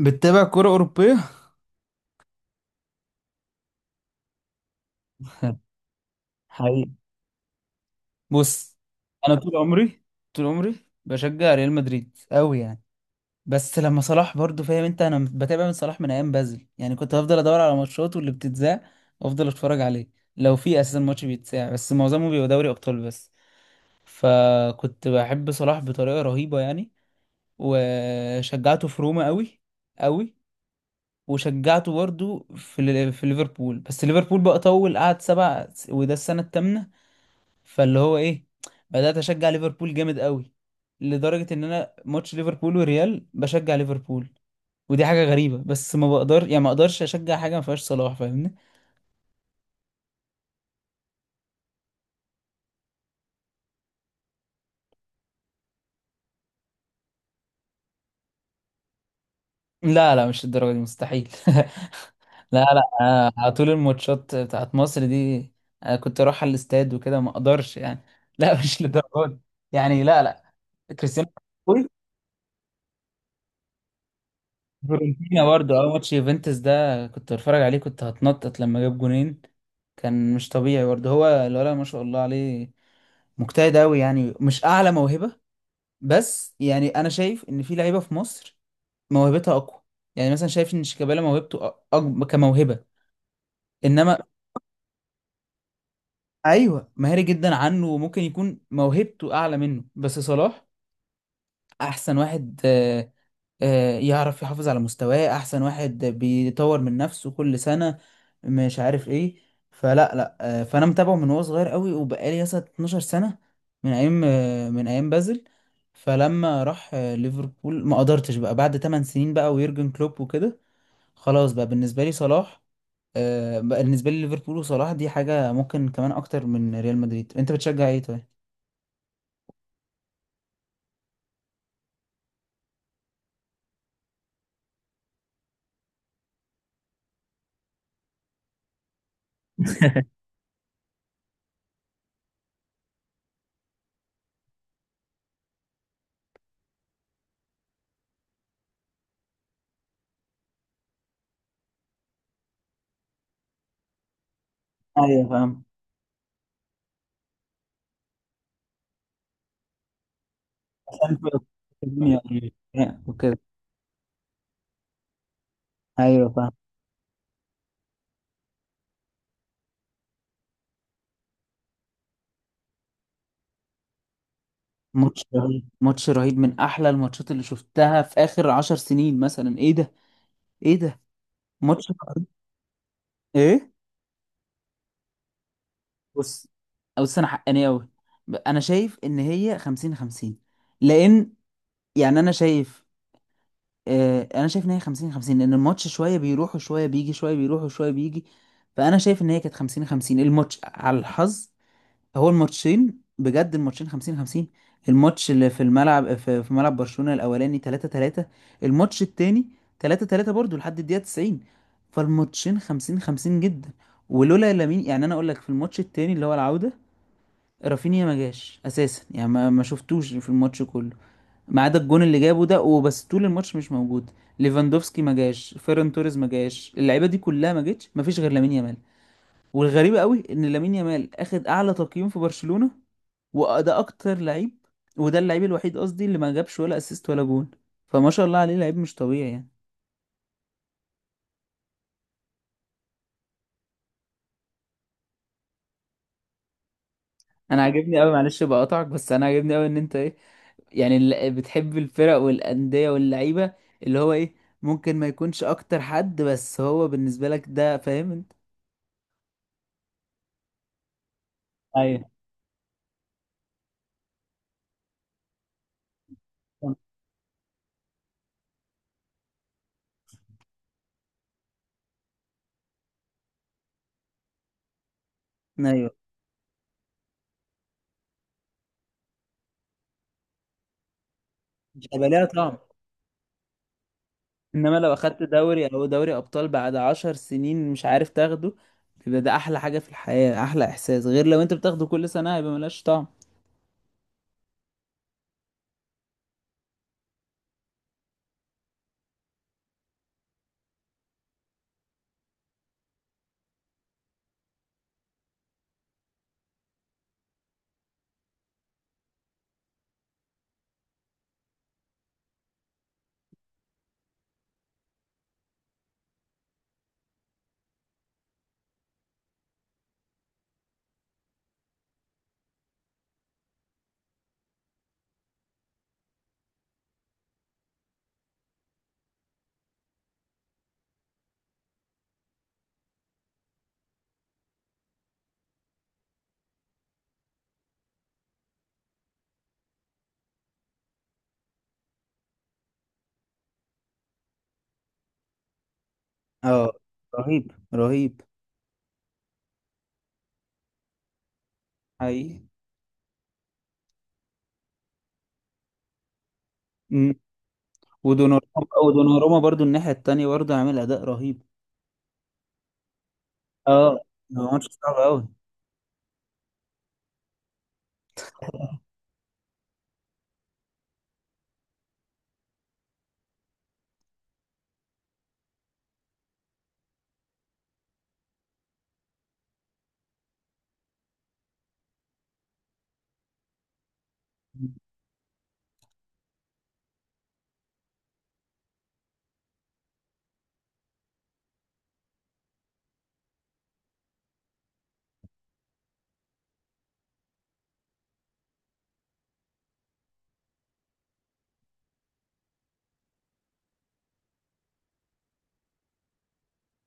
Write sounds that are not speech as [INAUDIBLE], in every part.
بتتابع كرة أوروبية؟ [LAUGHS] حقيقي. بص، أنا طول عمري طول عمري بشجع ريال مدريد أوي يعني. بس لما صلاح برضو فاهم أنت، أنا بتابع من صلاح من أيام بازل يعني، كنت بفضل أدور على ماتشاته اللي بتتذاع وأفضل أتفرج عليه لو في أساسا ماتش بيتذاع، بس معظمه بيبقى دوري أبطال بس. فكنت بحب صلاح بطريقة رهيبة يعني. وشجعته في روما أوي أوي. وشجعته برضو في ليفربول، بس ليفربول بقى طول قعد سبع وده السنة الثامنة. فاللي هو ايه، بدأت اشجع ليفربول جامد قوي لدرجة ان انا ماتش ليفربول وريال بشجع ليفربول. ودي حاجة غريبة بس ما بقدر يعني ما اقدرش اشجع حاجة ما فيهاش صلاح، فاهمني؟ لا لا، مش الدرجة دي مستحيل. [LAUGHS] لا لا، أنا على طول الماتشات بتاعت مصر دي. انا كنت اروح على الاستاد وكده، ما اقدرش يعني. [LAUGHS] لا، مش للدرجة دي يعني. لا لا، كريستيانو. فيورنتينا برضه اه، ماتش يوفنتوس ده كنت بتفرج عليه، كنت هتنطط لما جاب جونين. كان مش طبيعي برضه، هو الولد ما شاء الله عليه، مجتهد قوي يعني، مش اعلى موهبة. بس يعني انا شايف ان في لعيبة في مصر موهبتها اقوى. يعني مثلا شايف ان شيكابالا موهبته أكبر كموهبة، انما. ايوه مهاري جدا عنه وممكن يكون موهبته اعلى منه، بس صلاح احسن واحد. يعرف يحافظ على مستواه، احسن واحد بيطور من نفسه كل سنة، مش عارف ايه. فلا لا، فانا متابعه من وهو صغير قوي وبقالي مثلا 12 سنة، من ايام، من ايام بازل. فلما راح ليفربول ما قدرتش بقى بعد 8 سنين بقى ويورجن كلوب وكده، خلاص بقى بالنسبة لي صلاح، بقى بالنسبة لي ليفربول وصلاح دي حاجة ممكن كمان اكتر من ريال مدريد. انت بتشجع ايه طيب؟ ايوه فاهم. عشان في الدنيا وكده. [LAUGHS] ايوه فاهم. ماتش رهيب ماتش رهيب، من احلى الماتشات اللي شفتها في اخر 10 سنين مثلا. ايه ده، ايه ده، ماتش رهيب. ايه. بص، بص، انا حقاني قوي. انا شايف ان هي 50 50، لان يعني انا شايف، آه انا شايف ان هي 50 50، لان الماتش شويه بيروح وشويه بيجي شويه بيروح وشويه بيجي. فانا شايف ان هي كانت 50 50 الماتش على الحظ. هو الماتشين بجد، الماتشين 50 50. الماتش اللي في الملعب في ملعب برشلونة الاولاني 3 3، الماتش التاني 3 3 برضه لحد الدقيقة 90. فالماتشين 50 50 جدا. ولولا لامين، يعني انا اقول لك في الماتش التاني اللي هو العودة، رافينيا ما جاش اساسا يعني ما شفتوش في الماتش كله ما عدا الجون اللي جابه ده وبس، طول الماتش مش موجود. ليفاندوفسكي ما جاش، فيران توريز ما جاش، اللعيبه دي كلها ما جتش، ما فيش غير لامين يامال. والغريبة قوي ان لامين يامال اخد اعلى تقييم في برشلونة، وده اكتر لعيب، وده اللعيب الوحيد قصدي اللي ما جابش ولا اسيست ولا جون. فما شاء الله عليه، لعيب مش طبيعي يعني. انا عاجبني قوي، معلش بقطعك، بس انا عاجبني قوي ان انت ايه يعني، بتحب الفرق والانديه واللعيبه، اللي هو ايه، ممكن ما يكونش اكتر حد بس هو بالنسبه لك ده، فاهم انت؟ ايوه. ايوه. مش هيبقى ليها طعم. انما لو اخدت دوري او دوري ابطال بعد 10 سنين مش عارف تاخده، يبقى ده احلى حاجه في الحياه، احلى احساس. غير لو انت بتاخده كل سنه، هيبقى ملهاش طعم. اه. رهيب رهيب. حقيقي. امم. ودوناروما. ودوناروما برضو الناحية التانية برضو عامل أداء رهيب. اه، هو ماتش صعب أوي.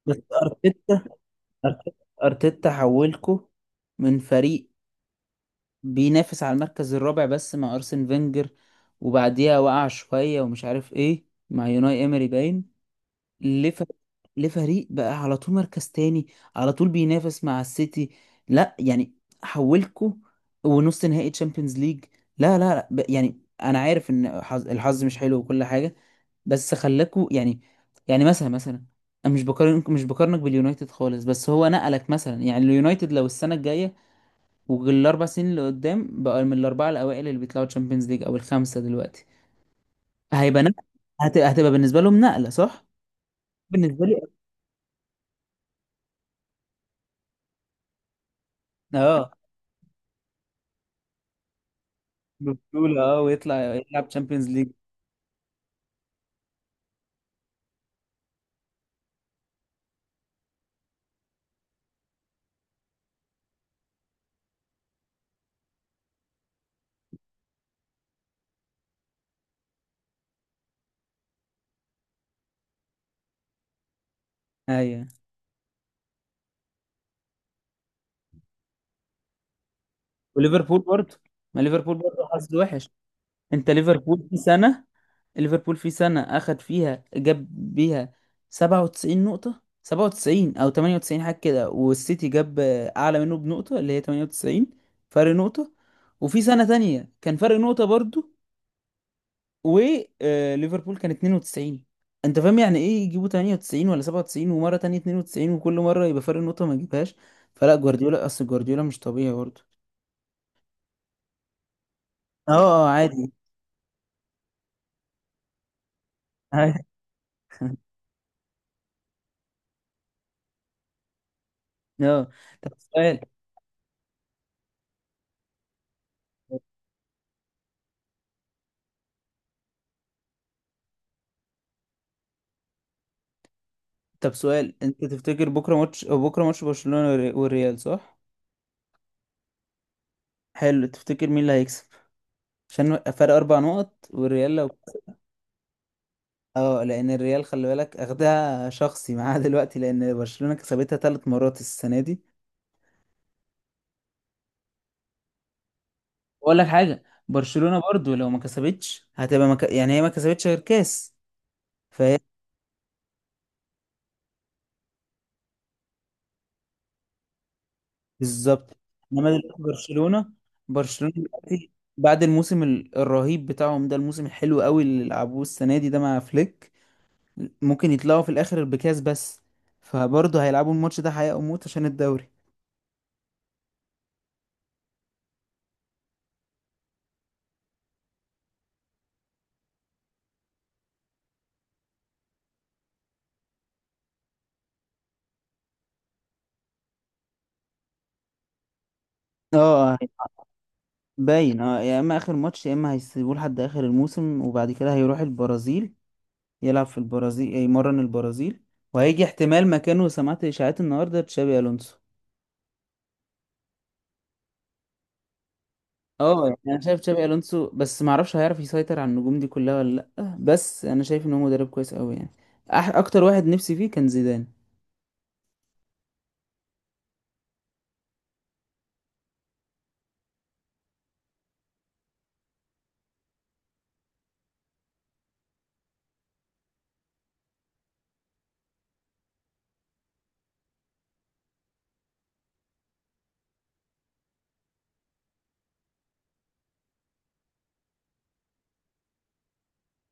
بس أرتيتا، أرتيتا، أرتيتا حولكو من فريق بينافس على المركز الرابع بس مع أرسن فينجر، وبعديها وقع شوية ومش عارف إيه. مع يوناي إيمري باين، لف... لفريق بقى على طول مركز تاني، على طول بينافس مع السيتي. لا يعني، حولكوا ونص نهائي تشامبيونز ليج. لا لا لا، يعني انا عارف ان الحظ مش حلو وكل حاجه، بس خلاكوا يعني. يعني مثلا، انا مش بقارنك باليونايتد خالص، بس هو نقلك مثلا. يعني اليونايتد لو السنه الجايه والاربع سنين اللي قدام بقى من الاربعه الاوائل اللي بيطلعوا تشامبيونز ليج او الخمسه دلوقتي، هيبقى نقل. هتبقى بالنسبه لهم نقله، صح؟ بالنسبه لي اه، بطولة اه، ويطلع يلعب تشامبيونز ليج. ايوه. وليفربول برضه، ما ليفربول برضه حظ وحش. انت ليفربول في سنة، ليفربول في سنة اخد فيها جاب بيها 97 نقطة، 97 او 98 حاجة كده، والسيتي جاب اعلى منه بنقطة اللي هي 98، فرق نقطة. وفي سنة تانية كان فرق نقطة برضه، وليفربول كان 92. انت فاهم يعني ايه يجيبوا 98 ولا 97 ومره تانية 92، وكل مره يبقى فرق نقطه ما يجيبهاش؟ فلا، جوارديولا اصل جوارديولا مش طبيعي برضه. اه اه، عادي. عادي. [LAUGHS] اه. طب سؤال طب سؤال، انت تفتكر بكره ماتش، أو بكره ماتش برشلونه والريال، صح؟ حلو، تفتكر مين اللي هيكسب؟ عشان فرق 4 نقط والريال لو. اه، لان الريال خلي بالك اخدها شخصي معاه دلوقتي، لان برشلونه كسبتها 3 مرات السنه دي. بقول لك حاجه، برشلونه برضو لو ما كسبتش هتبقى يعني هي ما كسبتش غير كاس، فهي. بالظبط. انما دلوقتي برشلونه دلوقتي بعد الموسم الرهيب بتاعهم ده، الموسم الحلو قوي اللي لعبوه السنه دي ده مع فليك، ممكن يطلعوا في الاخر بكاس بس، فبرضه هيلعبوا الماتش ده حياه وموت عشان الدوري. اه، باين اه، يا اما اخر ماتش يا اما هيسيبوه لحد اخر الموسم وبعد كده هيروح البرازيل يلعب في البرازيل يمرن البرازيل، وهيجي احتمال مكانه، سمعت اشاعات النهارده تشابي الونسو. اه، يعني انا شايف تشابي الونسو بس ما اعرفش هيعرف يسيطر على النجوم دي كلها ولا لا، بس انا شايف ان هو مدرب كويس قوي يعني. أح، اكتر واحد نفسي فيه كان زيدان.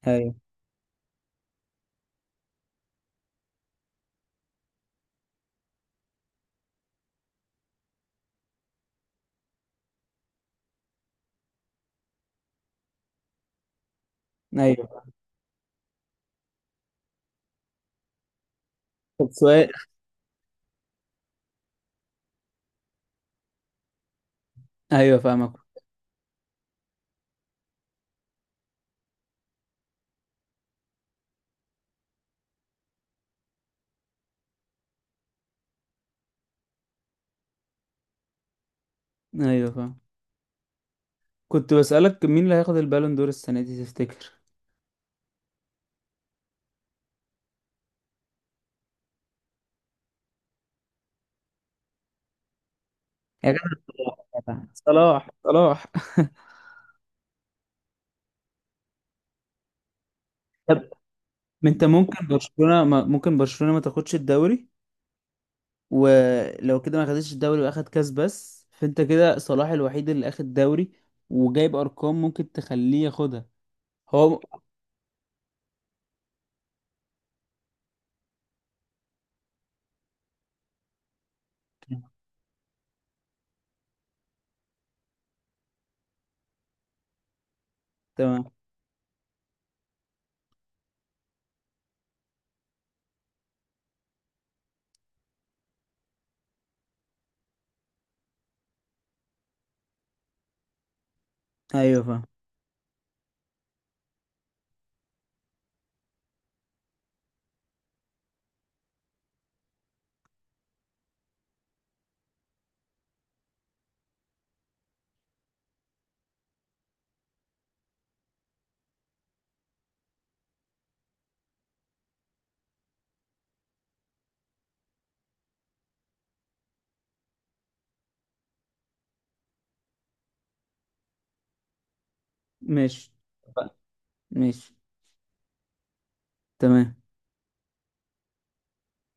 ايوه. ايوه. طب سؤال. [LAUGHS] ايوه فاهمك. ايوه فاهم. كنت بسألك مين اللي هياخد البالون دور السنه دي تفتكر؟ يا جدع، صلاح صلاح [LAUGHS] صلاح. طب، ما انت ممكن برشلونة ما تاخدش الدوري. ولو كده ما خدتش الدوري واخد كاس بس، فانت كده صلاح الوحيد اللي اخد دوري وجايب ارقام ممكن تخليه ياخدها هو. [LAUGHS] تمام. ايوه فاهم. ماشي. ماشي. تمام